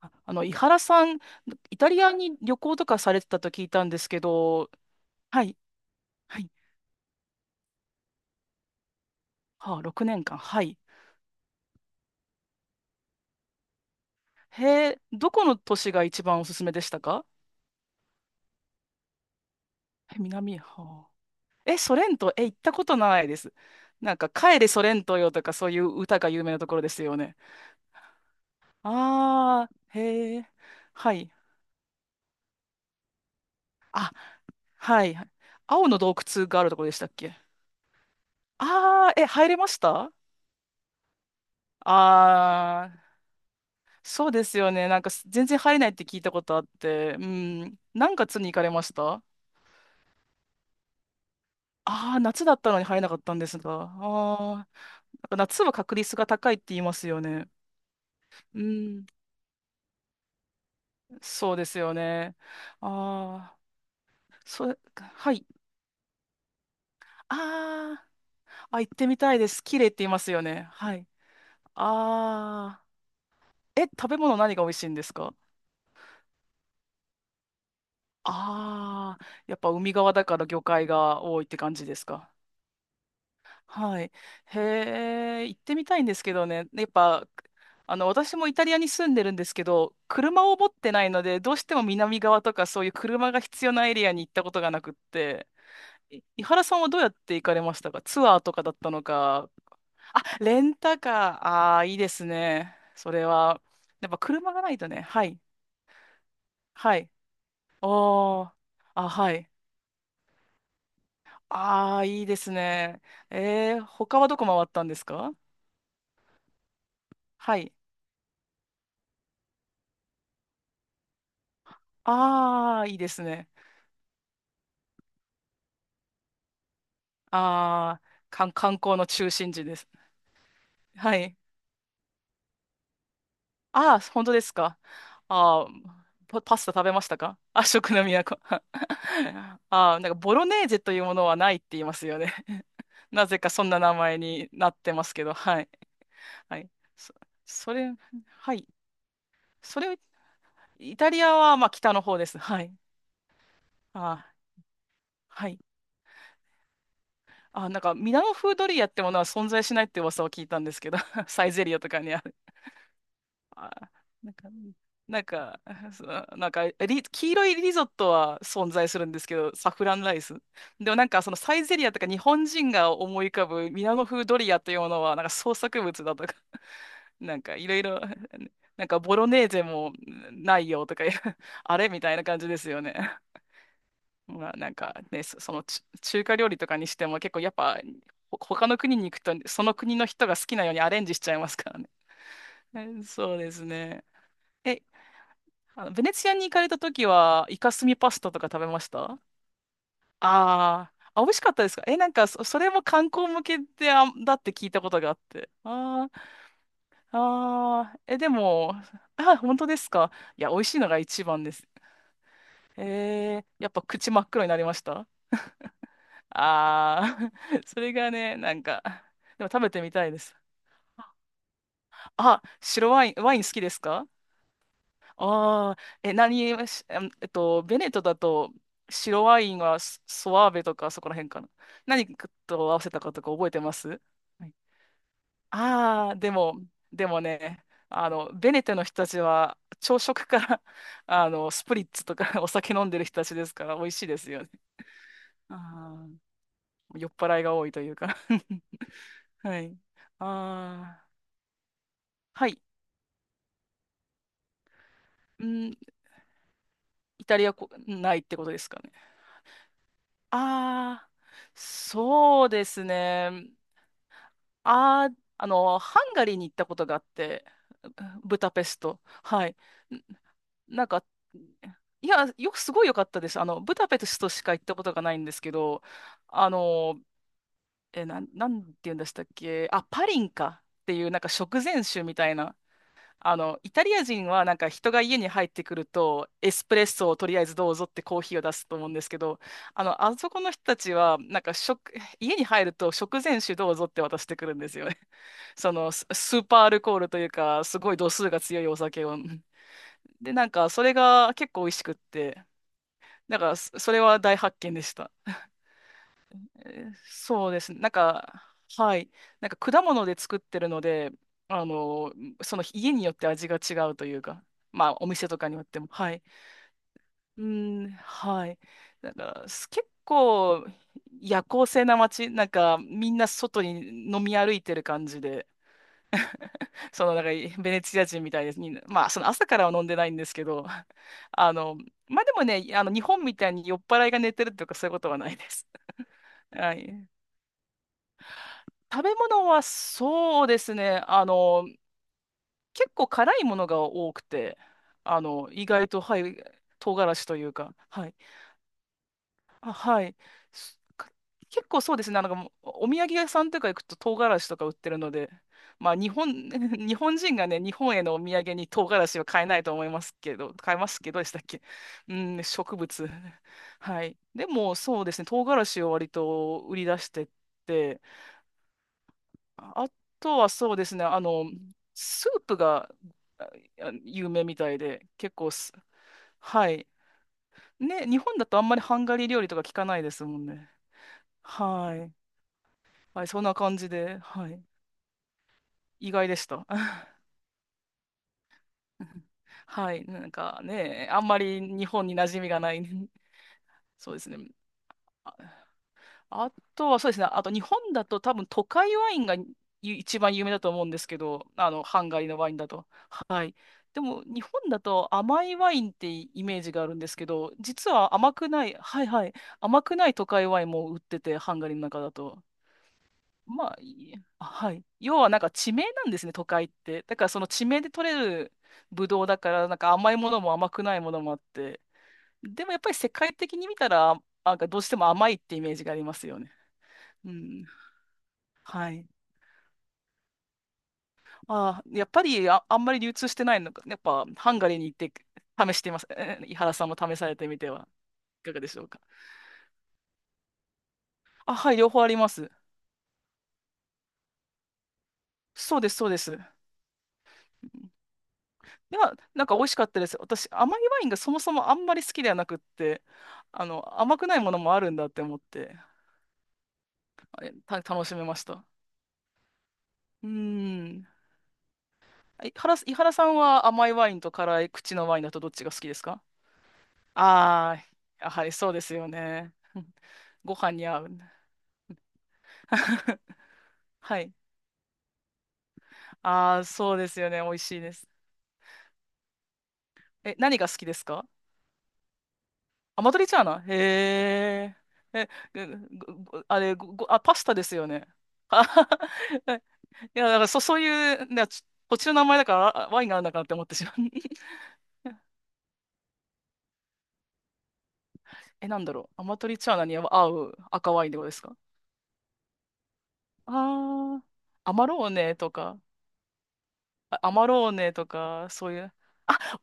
井原さん、イタリアに旅行とかされてたと聞いたんですけど、はい、はい、はあ、6年間、はい。へえ、どこの都市が一番おすすめでしたか？え、南、はあ。え、ソレント、え、行ったことないです。なんか、帰れソレントよとか、そういう歌が有名なところですよね。ああ、へえ、はい。あ、はい。青の洞窟があるところでしたっけ？ああー、え、入れました？ああ、そうですよね。なんか全然入れないって聞いたことあって、うん。何月に行かれました？ああー、夏だったのに入れなかったんですが。ああ、なんか夏は確率が高いって言いますよね。うん。そうですよね。ああ、それ、はい。ああ、あ、行ってみたいです。綺麗って言いますよね。はい。ああ、え、食べ物何が美味しいんですか？ああー、やっぱ海側だから魚介が多いって感じですか？はい。へえ、行ってみたいんですけどね。やっぱ、あの、私もイタリアに住んでるんですけど、車を持ってないので、どうしても南側とかそういう車が必要なエリアに行ったことがなくって、井原さんはどうやって行かれましたか？ツアーとかだったのか。あ、レンタカー。ああ、いいですね。それは。やっぱ車がないとね。はい。はい。おー。あ、はい。ああ、いいですね。他はどこ回ったんですか？はい。ああ、いいですね。ああ、観光の中心地です。はい。ああ、本当ですか。ああ、パスタ食べましたか？ あ、食の都。ああ、なんかボロネーゼというものはないって言いますよね。なぜかそんな名前になってますけど、はい。はい。そ、それ、はい。それ、イタリアはまあ北の方です。はい。ああ、はい。ああ、なんかミラノ風ドリアってものは存在しないって噂を聞いたんですけど、サイゼリアとかには？あ、なんか、なんか、そのなんか黄色いリゾットは存在するんですけど、サフランライス。でもなんか、そのサイゼリアとか日本人が思い浮かぶミラノ風ドリアというものは、なんか創作物だとか、なんかいろいろ、なんかボロネーゼもないよとか、あれみたいな感じですよね。まあ、なんかね、その中華料理とかにしても結構やっぱ、他の国に行くと、その国の人が好きなようにアレンジしちゃいますからね。そうですね。えあの、ベネツィアに行かれた時は、イカスミパスタとか食べました？あーあ、美味しかったですか？え、なんかそれも観光向けで、あ、だって聞いたことがあって。あーあー、あえ、でも、あ、本当ですか？いや、美味しいのが一番です。やっぱ口真っ黒になりました？ああー、それがね、なんか、でも食べてみたいです。あ、白ワイン、ワイン好きですか？ああ、え、何、えしあんえっと、ベネットだと、白ワインはスソワーベとかそこら辺かな。何と合わせたかとか覚えてます？はい。ああ、でも、でもね、あの、ベネテトの人たちは、朝食から あの、スプリッツとか お酒飲んでる人たちですから、美味しいですよね。ああ、酔っ払いが多いというか はい。ああ、はい。うん、イタリアこ、ないってことですかね。ああ、そうですね。ああ、あの、ハンガリーに行ったことがあって、ブダペスト。はい。なんか、いや、よくすごい良かったです。あの、ブダペストしか行ったことがないんですけど、あの、え、なんて言うんでしたっけ？あ、パリンかっていう、なんか食前酒みたいな。あの、イタリア人はなんか人が家に入ってくると、エスプレッソをとりあえずどうぞってコーヒーを出すと思うんですけど、あの、あそこの人たちは、なんか家に入ると食前酒どうぞって渡してくるんですよね。その、スーパーアルコールというか、すごい度数が強いお酒を。で、なんかそれが結構美味しくって、だからそれは大発見でした。そうですね。なんか、はい。なんか果物で作ってるので、あの、その家によって味が違うというか、まあお店とかによっても、はい。うん、はい。なんか、結構夜行性な街、なんかみんな外に飲み歩いてる感じで、そのなんかベネチア人みたいですに、まあその朝からは飲んでないんですけど、あの、まあでもね、あの日本みたいに酔っ払いが寝てるとかそういうことはないです。はい。食べ物はそうですね。あの、結構辛いものが多くて、あの、意外と、はい、唐辛子というか、はい。あ、はい。すか？結構そうですね。なんかもう、お土産屋さんとか行くと唐辛子とか売ってるので、まあ、日本、日本人がね、日本へのお土産に唐辛子は買えないと思いますけど、買えますけどでしたっけ？うん、植物。はい。でも、そうですね。唐辛子を割と売り出してて、あとはそうですね、あの、スープがあ有名みたいで、結構す、はい。ね、日本だとあんまりハンガリー料理とか聞かないですもんね。はい。はい、そんな感じで、はい。意外でした。はい。なんかね、あんまり日本に馴染みがない。そうですね。あとはそうですね。あと日本だと多分都会ワインが一番有名だと思うんですけど、あの、ハンガリーのワインだと。はい。でも日本だと甘いワインってイメージがあるんですけど、実は甘くない、はい、はい、甘くない都会ワインも売ってて、ハンガリーの中だと。まあ、いい、あ、はい。要はなんか地名なんですね、都会って。だからその地名で取れるブドウだから、なんか甘いものも甘くないものもあって。でもやっぱり世界的に見たら、なんかどうしても甘いってイメージがありますよね。うん、はい。あー、やっぱり、あ、あんまり流通してないのか。やっぱ、ハンガリーに行って試してみます。井原さんも試されてみては、いかがでしょうか。あ、はい、両方あります。そうです、そうです。いや、なんか美味しかったです。私、甘いワインがそもそもあんまり好きではなくって、あの、甘くないものもあるんだって思って、あれた、楽しめました。うーん。井原さんは甘いワインと辛い口のワインだとどっちが好きですか？ああー、やはりそうですよね。うん、ご飯に合う。はい。ああ、そうですよね。美味しいです。え、何が好きですか？アマトリチャーナ？へえ。え、ご、ごあれ、ご、ごあ、パスタですよね。あはは、いや、だからそういう、ね、土地の名前だからワインがあるのかなって思ってしまう。え、なんだろう。アマトリチャーナに合う赤ワインってことですか？ああ、アマローネとか、アマローネとか、そういう、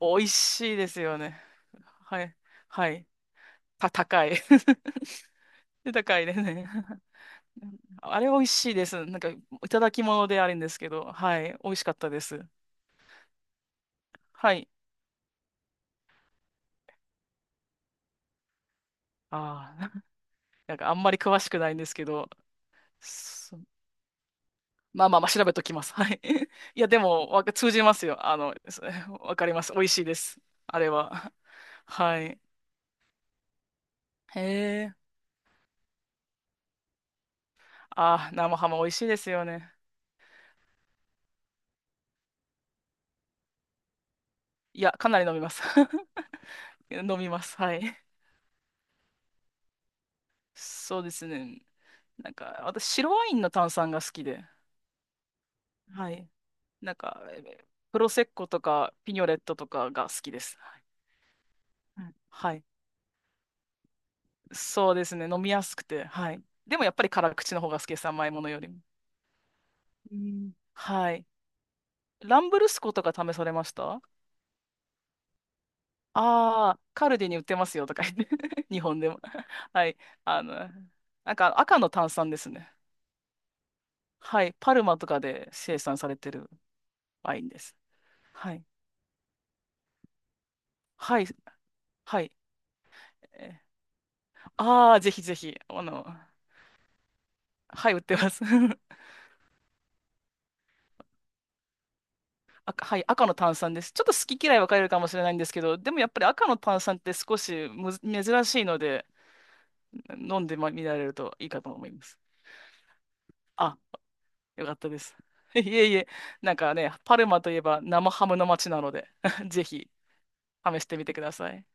美味しいですよね。はい。はい。高い。高いですね。あれ美味しいです。なんか、いただき物であるんですけど、はい、美味しかったです。はい。ああ、なんかあんまり詳しくないんですけど、そまあまあまあ調べときます。はい。いや、でも、通じますよ。あの、そ、 わかります。美味しいです。あれは。はい。へえ。ああ、生ハム美味しいですよね。いや、かなり飲みます。飲みます。はい。そうですね。なんか、私、白ワインの炭酸が好きで。はい。なんか、プロセッコとかピニョレットとかが好きです。はい。はい。そうですね。飲みやすくて。はい。でもやっぱり辛口の方が好きです。甘いものよりも。うん、はい。ランブルスコとか試されました？ああー、カルディに売ってますよとか言って。日本でも。はい。あの、なんか赤の炭酸ですね。はい。パルマとかで生産されてるワインです。はい。はい。はい。ーああー、ぜひぜひ。あの、はい、売ってます。赤、はい、赤の炭酸です。ちょっと好き嫌い分かれるかもしれないんですけど、でもやっぱり赤の炭酸って少しむず珍しいので、飲んでみられるといいかと思います。あ、よかったです。いえいえ、なんかね、パルマといえば生ハムの街なので ぜひ試してみてください。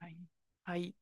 はい。はい。